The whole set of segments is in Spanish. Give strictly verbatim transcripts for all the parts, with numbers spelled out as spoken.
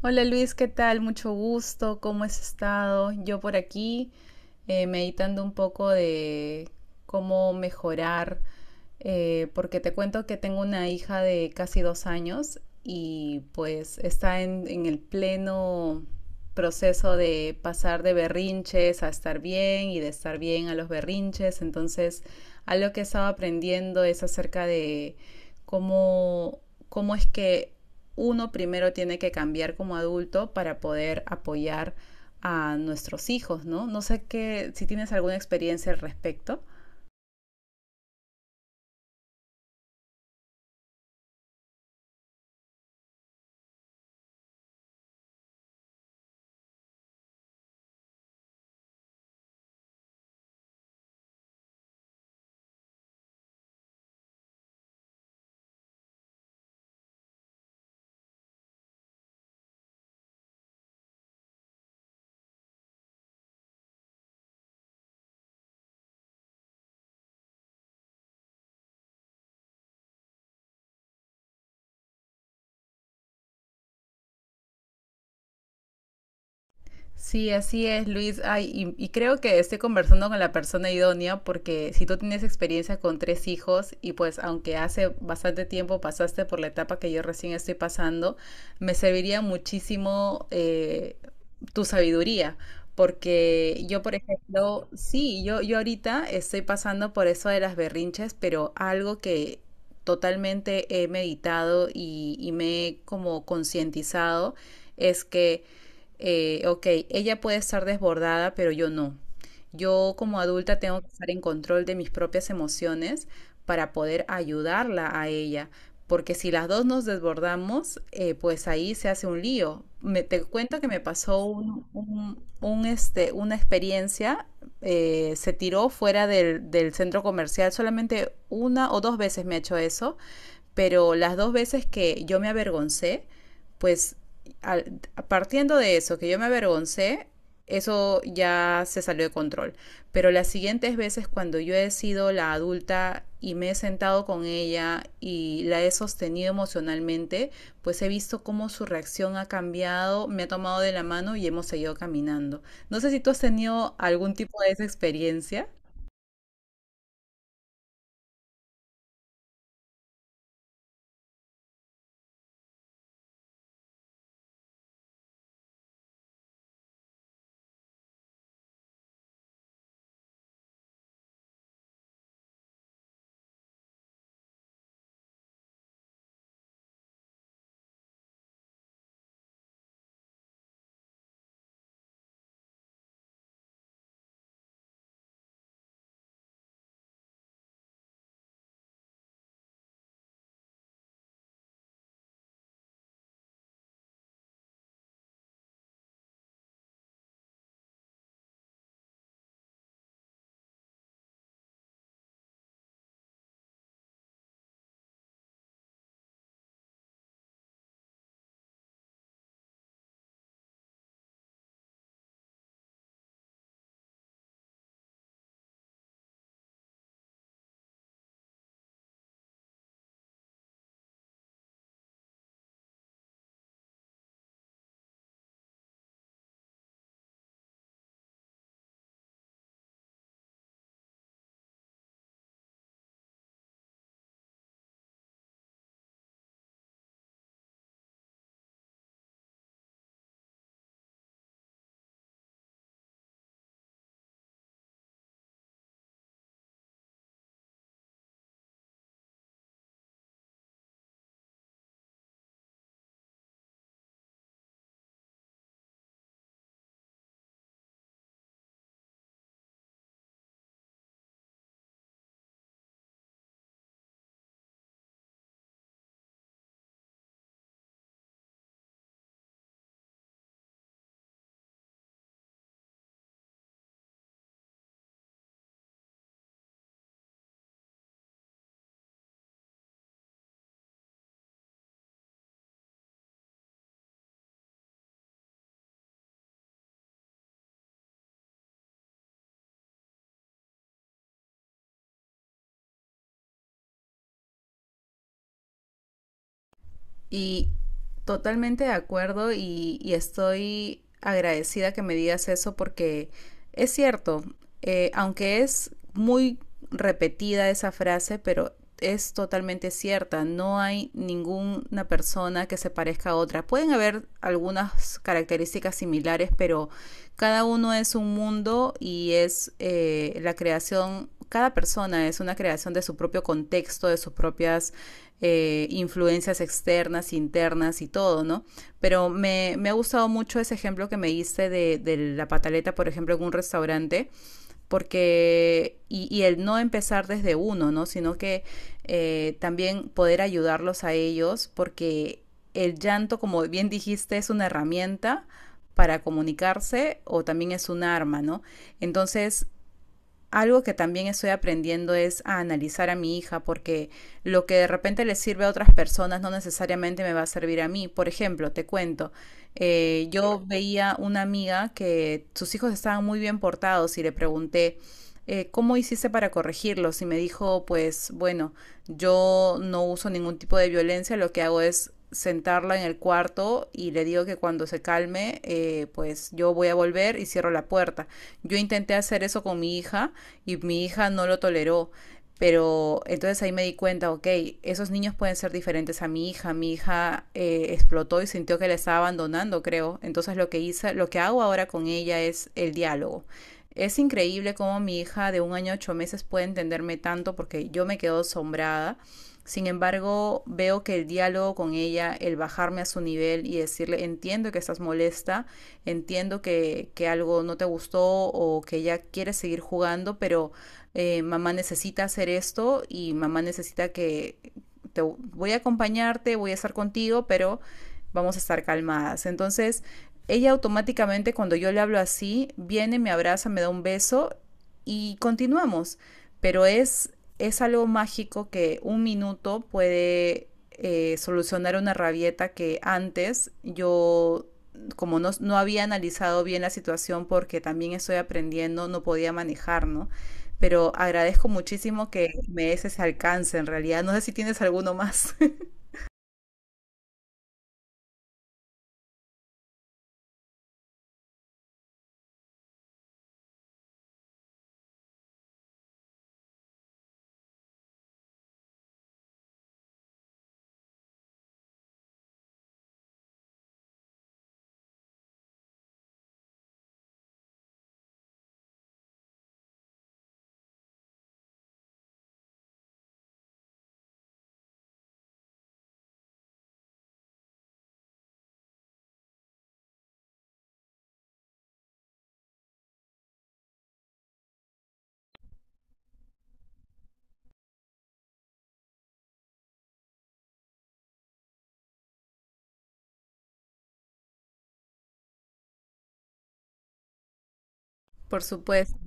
Hola Luis, ¿qué tal? Mucho gusto, ¿cómo has estado? Yo por aquí eh, meditando un poco de cómo mejorar, eh, porque te cuento que tengo una hija de casi dos años y pues está en, en el pleno proceso de pasar de berrinches a estar bien y de estar bien a los berrinches. Entonces, algo que he estado aprendiendo es acerca de cómo, cómo es que uno primero tiene que cambiar como adulto para poder apoyar a nuestros hijos, ¿no? No sé qué, si tienes alguna experiencia al respecto. Sí, así es, Luis. Ay, y, y creo que estoy conversando con la persona idónea porque si tú tienes experiencia con tres hijos y pues aunque hace bastante tiempo pasaste por la etapa que yo recién estoy pasando, me serviría muchísimo eh, tu sabiduría. Porque yo, por ejemplo, sí, yo, yo ahorita estoy pasando por eso de las berrinches, pero algo que totalmente he meditado y, y me he como concientizado es que eh, ok, ella puede estar desbordada, pero yo no. Yo como adulta tengo que estar en control de mis propias emociones para poder ayudarla a ella. Porque si las dos nos desbordamos, eh, pues ahí se hace un lío. Me, te cuento que me pasó un, un- un, este, una experiencia, eh, se tiró fuera del, del centro comercial, solamente una o dos veces me ha hecho eso, pero las dos veces que yo me avergoncé, pues al- partiendo de eso, que yo me avergoncé, eso ya se salió de control. Pero las siguientes veces cuando yo he sido la adulta y me he sentado con ella y la he sostenido emocionalmente, pues he visto cómo su reacción ha cambiado, me ha tomado de la mano y hemos seguido caminando. No sé si tú has tenido algún tipo de esa experiencia. Y totalmente de acuerdo y, y estoy agradecida que me digas eso porque es cierto, eh, aunque es muy repetida esa frase, pero es totalmente cierta. No hay ninguna persona que se parezca a otra. Pueden haber algunas características similares, pero cada uno es un mundo y es eh, la creación, cada persona es una creación de su propio contexto, de sus propias eh, influencias externas, internas y todo, ¿no? Pero me, me, ha gustado mucho ese ejemplo que me hice de, de la pataleta, por ejemplo, en un restaurante, porque, y, y el no empezar desde uno, ¿no? Sino que eh, también poder ayudarlos a ellos, porque el llanto, como bien dijiste, es una herramienta para comunicarse o también es un arma, ¿no? Entonces, algo que también estoy aprendiendo es a analizar a mi hija porque lo que de repente le sirve a otras personas no necesariamente me va a servir a mí. Por ejemplo, te cuento, eh, yo veía una amiga que sus hijos estaban muy bien portados y le pregunté, eh, ¿cómo hiciste para corregirlos? Y me dijo, pues bueno, yo no uso ningún tipo de violencia, lo que hago es sentarla en el cuarto y le digo que cuando se calme, eh, pues yo voy a volver y cierro la puerta. Yo intenté hacer eso con mi hija y mi hija no lo toleró. Pero entonces ahí me di cuenta, ok, esos niños pueden ser diferentes a mi hija. Mi hija eh, explotó y sintió que la estaba abandonando, creo. Entonces lo que hice, lo que hago ahora con ella es el diálogo. Es increíble cómo mi hija de un año ocho meses puede entenderme tanto porque yo me quedo asombrada. Sin embargo, veo que el diálogo con ella, el bajarme a su nivel y decirle, entiendo que estás molesta, entiendo que, que algo no te gustó o que ya quieres seguir jugando, pero eh, mamá necesita hacer esto y mamá necesita que te voy a acompañarte, voy a estar contigo, pero vamos a estar calmadas. Entonces, ella automáticamente cuando yo le hablo así, viene, me abraza, me da un beso y continuamos. Pero es, es algo mágico que un minuto puede eh, solucionar una rabieta que antes yo como no, no había analizado bien la situación porque también estoy aprendiendo, no podía manejar, ¿no? Pero agradezco muchísimo que me des ese alcance en realidad. No sé si tienes alguno más. Por supuesto.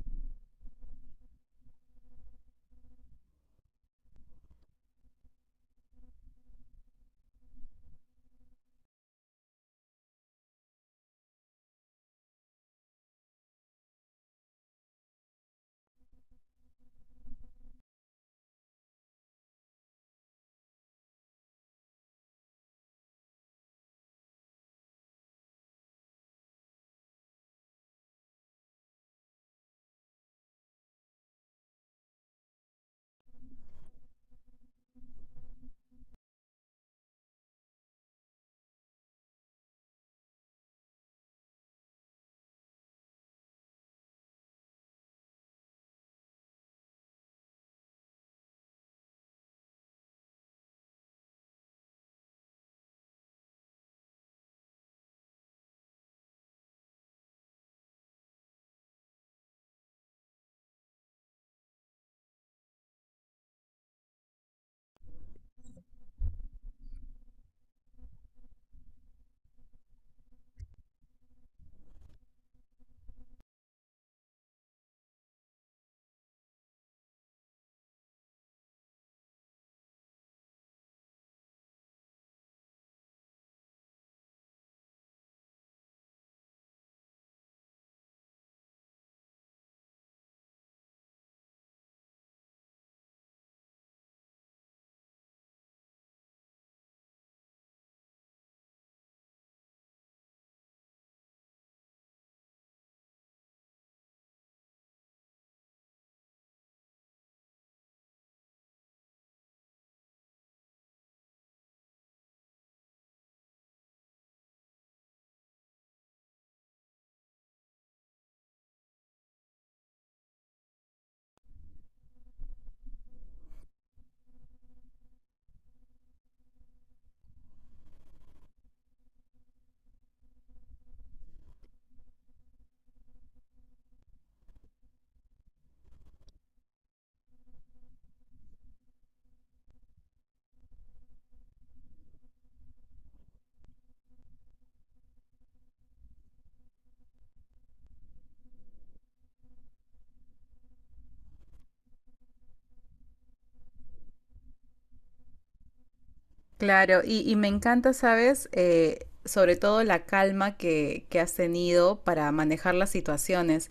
Claro, y, y me encanta, ¿sabes? Eh, sobre todo la calma que, que has tenido para manejar las situaciones.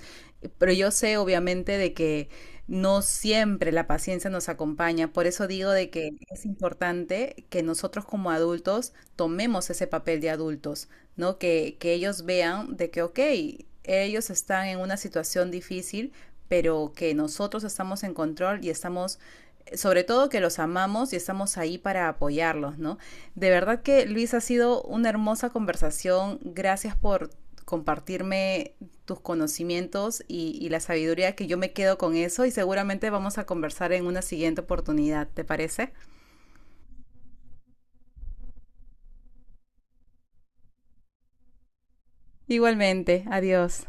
Pero yo sé, obviamente, de que no siempre la paciencia nos acompaña. Por eso digo de que es importante que nosotros como adultos tomemos ese papel de adultos, ¿no? Que, que ellos vean de que, ok, ellos están en una situación difícil, pero que nosotros estamos en control y estamos sobre todo que los amamos y estamos ahí para apoyarlos, ¿no? De verdad que Luis ha sido una hermosa conversación. Gracias por compartirme tus conocimientos y, y, la sabiduría que yo me quedo con eso y seguramente vamos a conversar en una siguiente oportunidad, ¿te parece? Igualmente, adiós.